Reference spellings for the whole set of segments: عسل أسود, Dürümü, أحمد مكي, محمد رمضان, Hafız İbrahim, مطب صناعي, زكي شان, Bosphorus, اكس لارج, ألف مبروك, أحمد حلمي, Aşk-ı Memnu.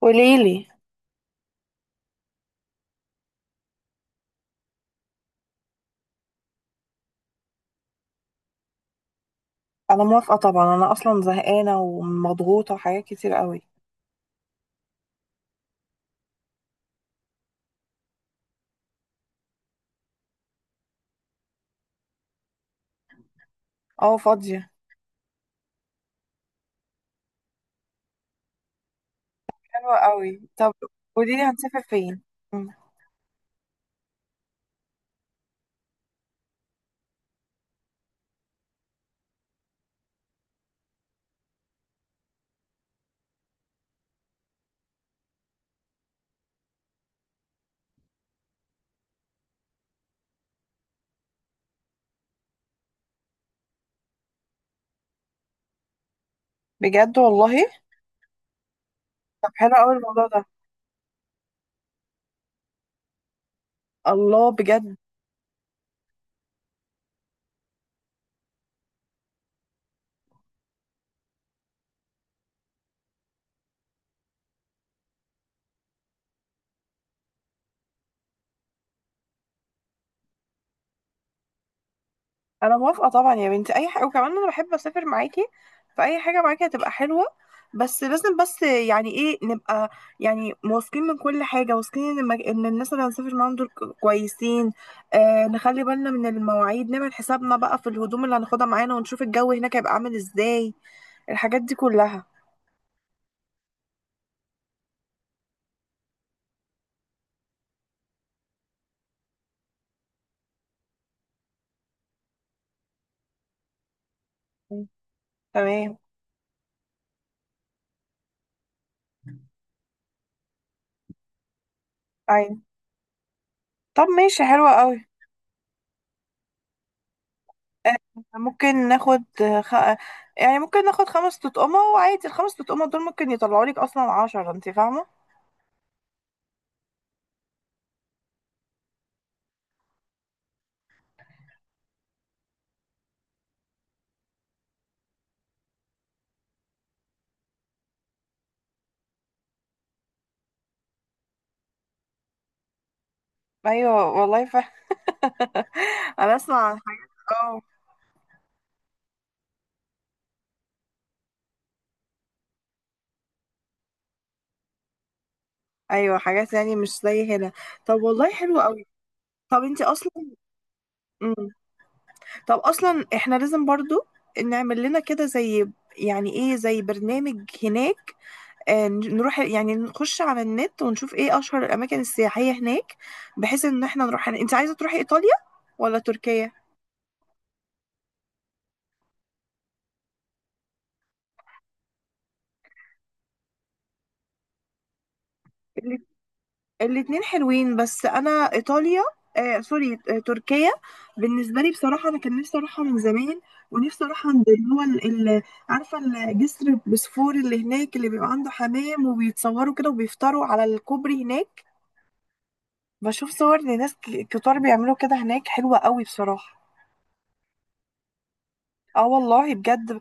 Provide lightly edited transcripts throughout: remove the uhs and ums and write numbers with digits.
قوليلي. انا موافقه طبعا، انا اصلا زهقانه ومضغوطه وحاجات كتير قوي. اه، فاضيه. حلوه قوي. طب، قوليلي، هنسافر فين؟ مم. بجد والله؟ طب حلو قوي الموضوع ده. الله، بجد؟ انا موافقه طبعا يا بنتي، اي حاجه. وكمان انا بحب اسافر معاكي، فاي حاجه معاكي هتبقى حلوه. بس لازم، بس يعني ايه، نبقى يعني واثقين من كل حاجه، واثقين ان ان الناس اللي هنسافر معاهم دول كويسين. آه، نخلي بالنا من المواعيد، نعمل حسابنا بقى في الهدوم اللي هناخدها معانا، ونشوف الجو هناك هيبقى عامل ازاي. الحاجات دي كلها. مم. تمام. ايوه. طب ماشي، حلوة قوي. آه، ممكن ناخد يعني ممكن ناخد خمس تطقمة. وعادي الخمس تطقمة دول ممكن يطلعوا لك اصلا 10. انت فاهمة؟ ايوه والله، انا اسمع عن حاجات، اه. ايوه، حاجات يعني مش زي هنا. طب والله حلو قوي. طب انت اصلا... مم. طب اصلا احنا لازم برضو نعمل لنا كده زي، يعني ايه، زي برنامج هناك. نروح يعني نخش على النت ونشوف ايه اشهر الاماكن السياحية هناك، بحيث ان احنا نروح هناك. انت عايزة تروحي ايطاليا ولا تركيا؟ الاتنين حلوين، بس انا ايطاليا، سوري، تركيا. بالنسبه لي بصراحه انا كان نفسي اروحها من زمان. ونفسي اروح عند اللي هو عارفه، الجسر بسفور اللي هناك، اللي بيبقى عنده حمام وبيتصوروا كده وبيفطروا على الكوبري هناك. بشوف صور لناس كتار بيعملوا كده هناك، حلوه قوي بصراحه. اه والله بجد.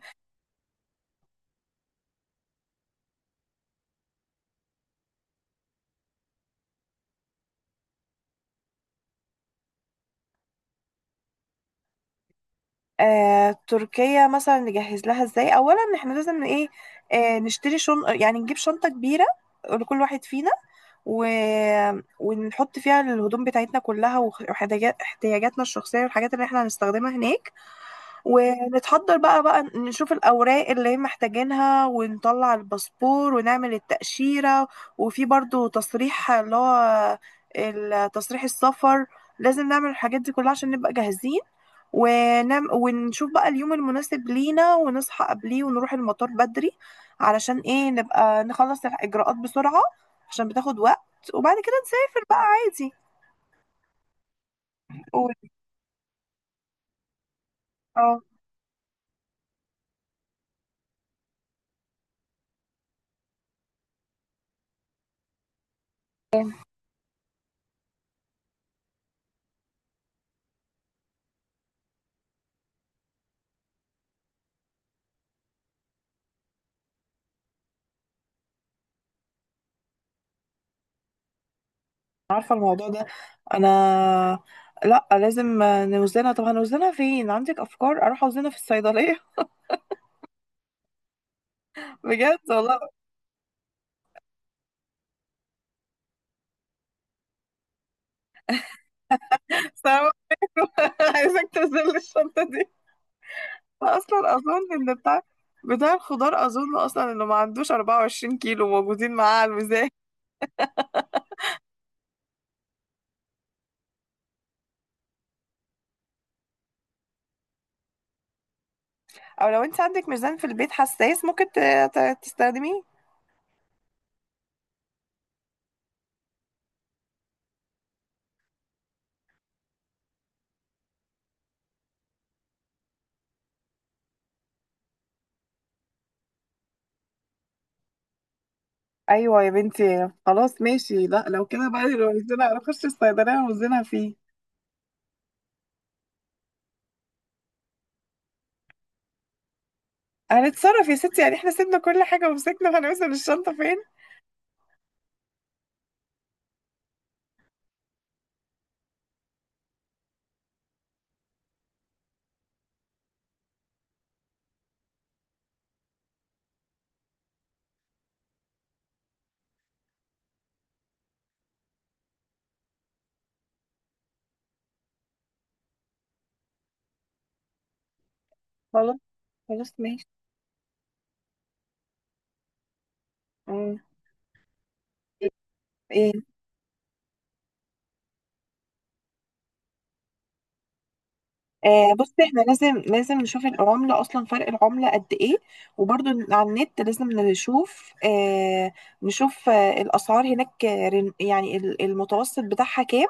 آه، تركيا مثلا نجهز لها ازاي؟ اولا احنا لازم ايه؟ آه، نشتري شن يعني نجيب شنطه كبيره لكل واحد فينا، و... ونحط فيها الهدوم بتاعتنا كلها واحتياجاتنا الشخصية والحاجات اللي احنا هنستخدمها هناك. ونتحضر بقى. نشوف الأوراق اللي هي محتاجينها، ونطلع الباسبور ونعمل التأشيرة. وفي برضو تصريح اللي هو تصريح السفر. لازم نعمل الحاجات دي كلها عشان نبقى جاهزين. ونعم، ونشوف بقى اليوم المناسب لينا، ونصحى قبليه ونروح المطار بدري. علشان ايه؟ نبقى نخلص الإجراءات بسرعة، عشان بتاخد وقت. وبعد كده نسافر بقى عادي. قول. اه، عارفة الموضوع ده. أنا... لأ، لازم نوزنها. طب هنوزنها فين؟ عندك أفكار؟ أروح أوزنها في الصيدلية؟ بجد والله. سوا. عايزك توزن لي الشنطة دي. أصلا أظن إن بتاع بتاع الخضار، أظن أصلا إنه ما عندوش 24 كيلو موجودين معاه على الميزان. أو لو أنت عندك ميزان في البيت حساس ممكن تستخدميه. أيوة يا بنتي، خلاص ماشي. لأ لو كده بقى، لو وزنها نخش الصيدلية ونوزنها فيه. هنتصرف يا ستي. يعني احنا سيبنا كل حاجة ومسكنا هنوزن الشنطة فين. خلاص خلاص ماشي. آه. ايه؟ آه، بص، احنا لازم، نشوف العملة اصلا، فرق العملة قد ايه. وبرضو على النت لازم نشوف، نشوف الاسعار هناك. يعني المتوسط بتاعها كام،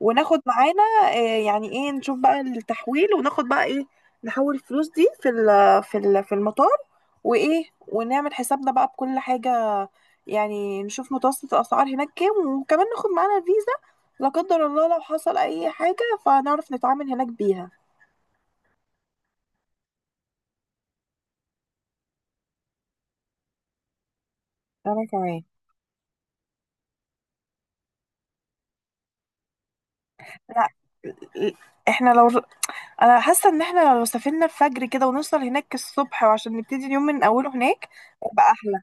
وناخد معانا، آه، يعني ايه، نشوف بقى التحويل وناخد بقى ايه. نحول الفلوس دي في في المطار. وايه، ونعمل حسابنا بقى بكل حاجة. يعني نشوف متوسط الاسعار هناك كام، وكمان ناخد معانا فيزا لا قدر الله لو حصل اي حاجة، فنعرف نتعامل هناك بيها. انا كمان. لا احنا لو... انا حاسه ان احنا لو سافرنا الفجر كده، ونوصل هناك الصبح، وعشان نبتدي اليوم من اوله هناك، يبقى احلى.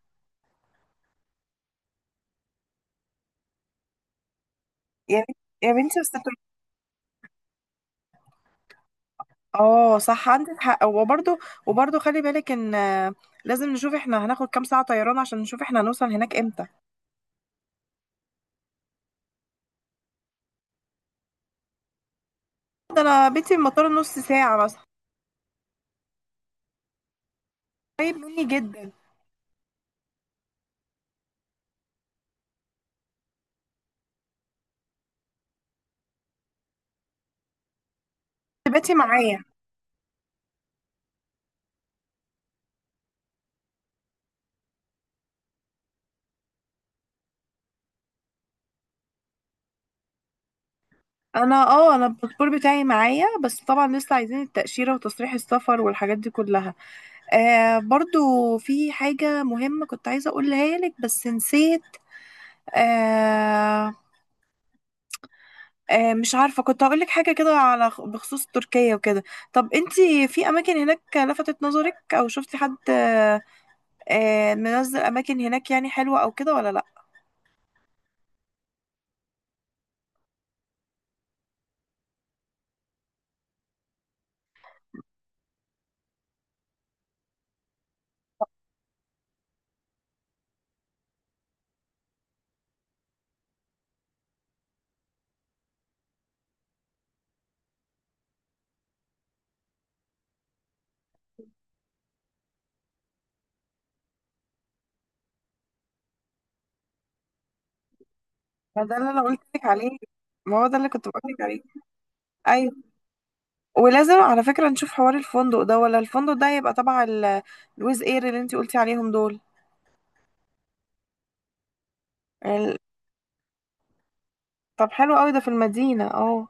يا بنت- يا بنتي بس. اه صح، عندك حق. وبرضه خلي بالك ان، لازم نشوف احنا هناخد كام ساعة طيران، عشان نشوف احنا هنوصل هناك امتى. ده انا بيتي من المطار نص ساعة مثلا. قريب مني جدا. بيتي معايا. انا، الباسبور بتاعي معايا. بس طبعا لسه عايزين التأشيرة وتصريح السفر والحاجات دي كلها. آه، برضو في حاجة مهمة كنت عايزة اقولها لك بس نسيت. آه، مش عارفة، كنت هقول لك حاجة كده على بخصوص تركيا وكده. طب انتي في أماكن هناك لفتت نظرك؟ أو شفتي حد، منزل أماكن هناك يعني حلوة أو كده ولا لأ؟ ما ده اللي أنا قلت لك عليه. ما هو ده اللي كنت بقول لك عليه. أيوة. ولازم على فكرة نشوف حوار الفندق ده، ولا الفندق ده هيبقى تبع الويز اير اللي انتي قلتي عليهم دول. ال-... طب حلو قوي ده في المدينة، اه.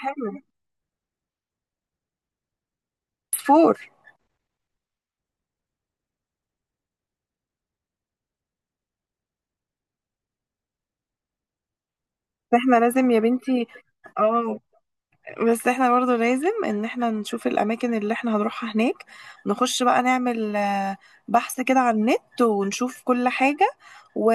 حلو. فور. احنا لازم يا بنتي. اه، بس احنا برضه لازم ان احنا نشوف الاماكن اللي احنا هنروحها هناك. نخش بقى نعمل، بحث كده على النت ونشوف كل حاجة. و...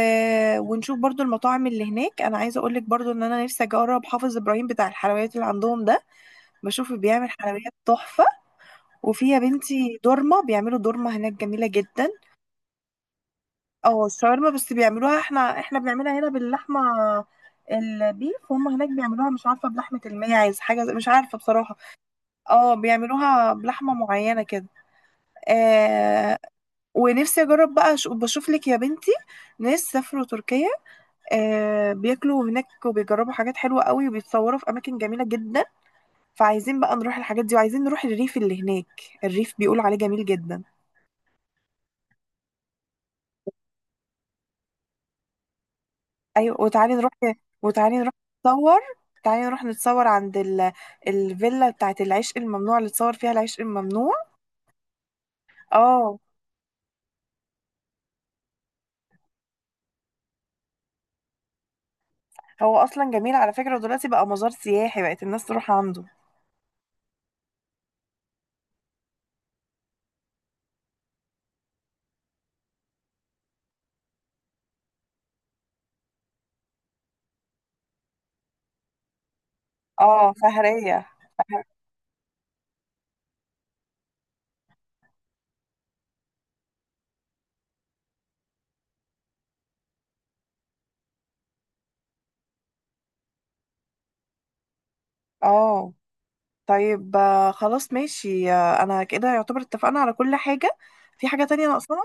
ونشوف برضه المطاعم اللي هناك. انا عايزة اقولك برضه ان انا نفسي اجرب حافظ ابراهيم بتاع الحلويات اللي عندهم ده، بشوف بيعمل حلويات تحفة. وفي يا بنتي دورمة، بيعملوا دورمة هناك جميلة جدا. اه، الشاورما. بس بيعملوها، احنا بنعملها هنا باللحمة البيف، وهم هناك بيعملوها مش عارفة بلحمة الماعز، حاجة مش عارفة بصراحة. اه، بيعملوها بلحمة معينة كده. آه، ونفسي اجرب بقى. بشوف لك يا بنتي ناس سافروا تركيا، آه، بياكلوا هناك وبيجربوا حاجات حلوة قوي، وبيتصوروا في اماكن جميلة جدا. فعايزين بقى نروح الحاجات دي. وعايزين نروح الريف اللي هناك، الريف بيقول عليه جميل جدا. ايوه، وتعالي نروح. وتعالي نروح. نتصور. تعالي نروح نتصور عند الفيلا بتاعت العشق الممنوع، اللي اتصور فيها العشق الممنوع. اه، هو اصلا جميل على فكرة، ودلوقتي بقى مزار سياحي، بقت الناس تروح عنده. اه، شهرية. اه طيب، خلاص ماشي. انا كده يعتبر اتفقنا على كل حاجة. في حاجة تانية ناقصاها؟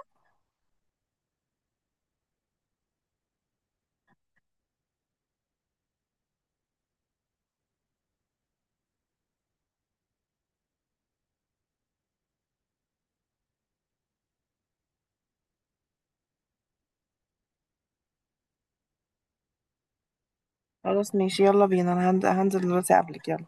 خلاص ماشي، يلا بينا، انا هنزل دلوقتي قبلك، يلا.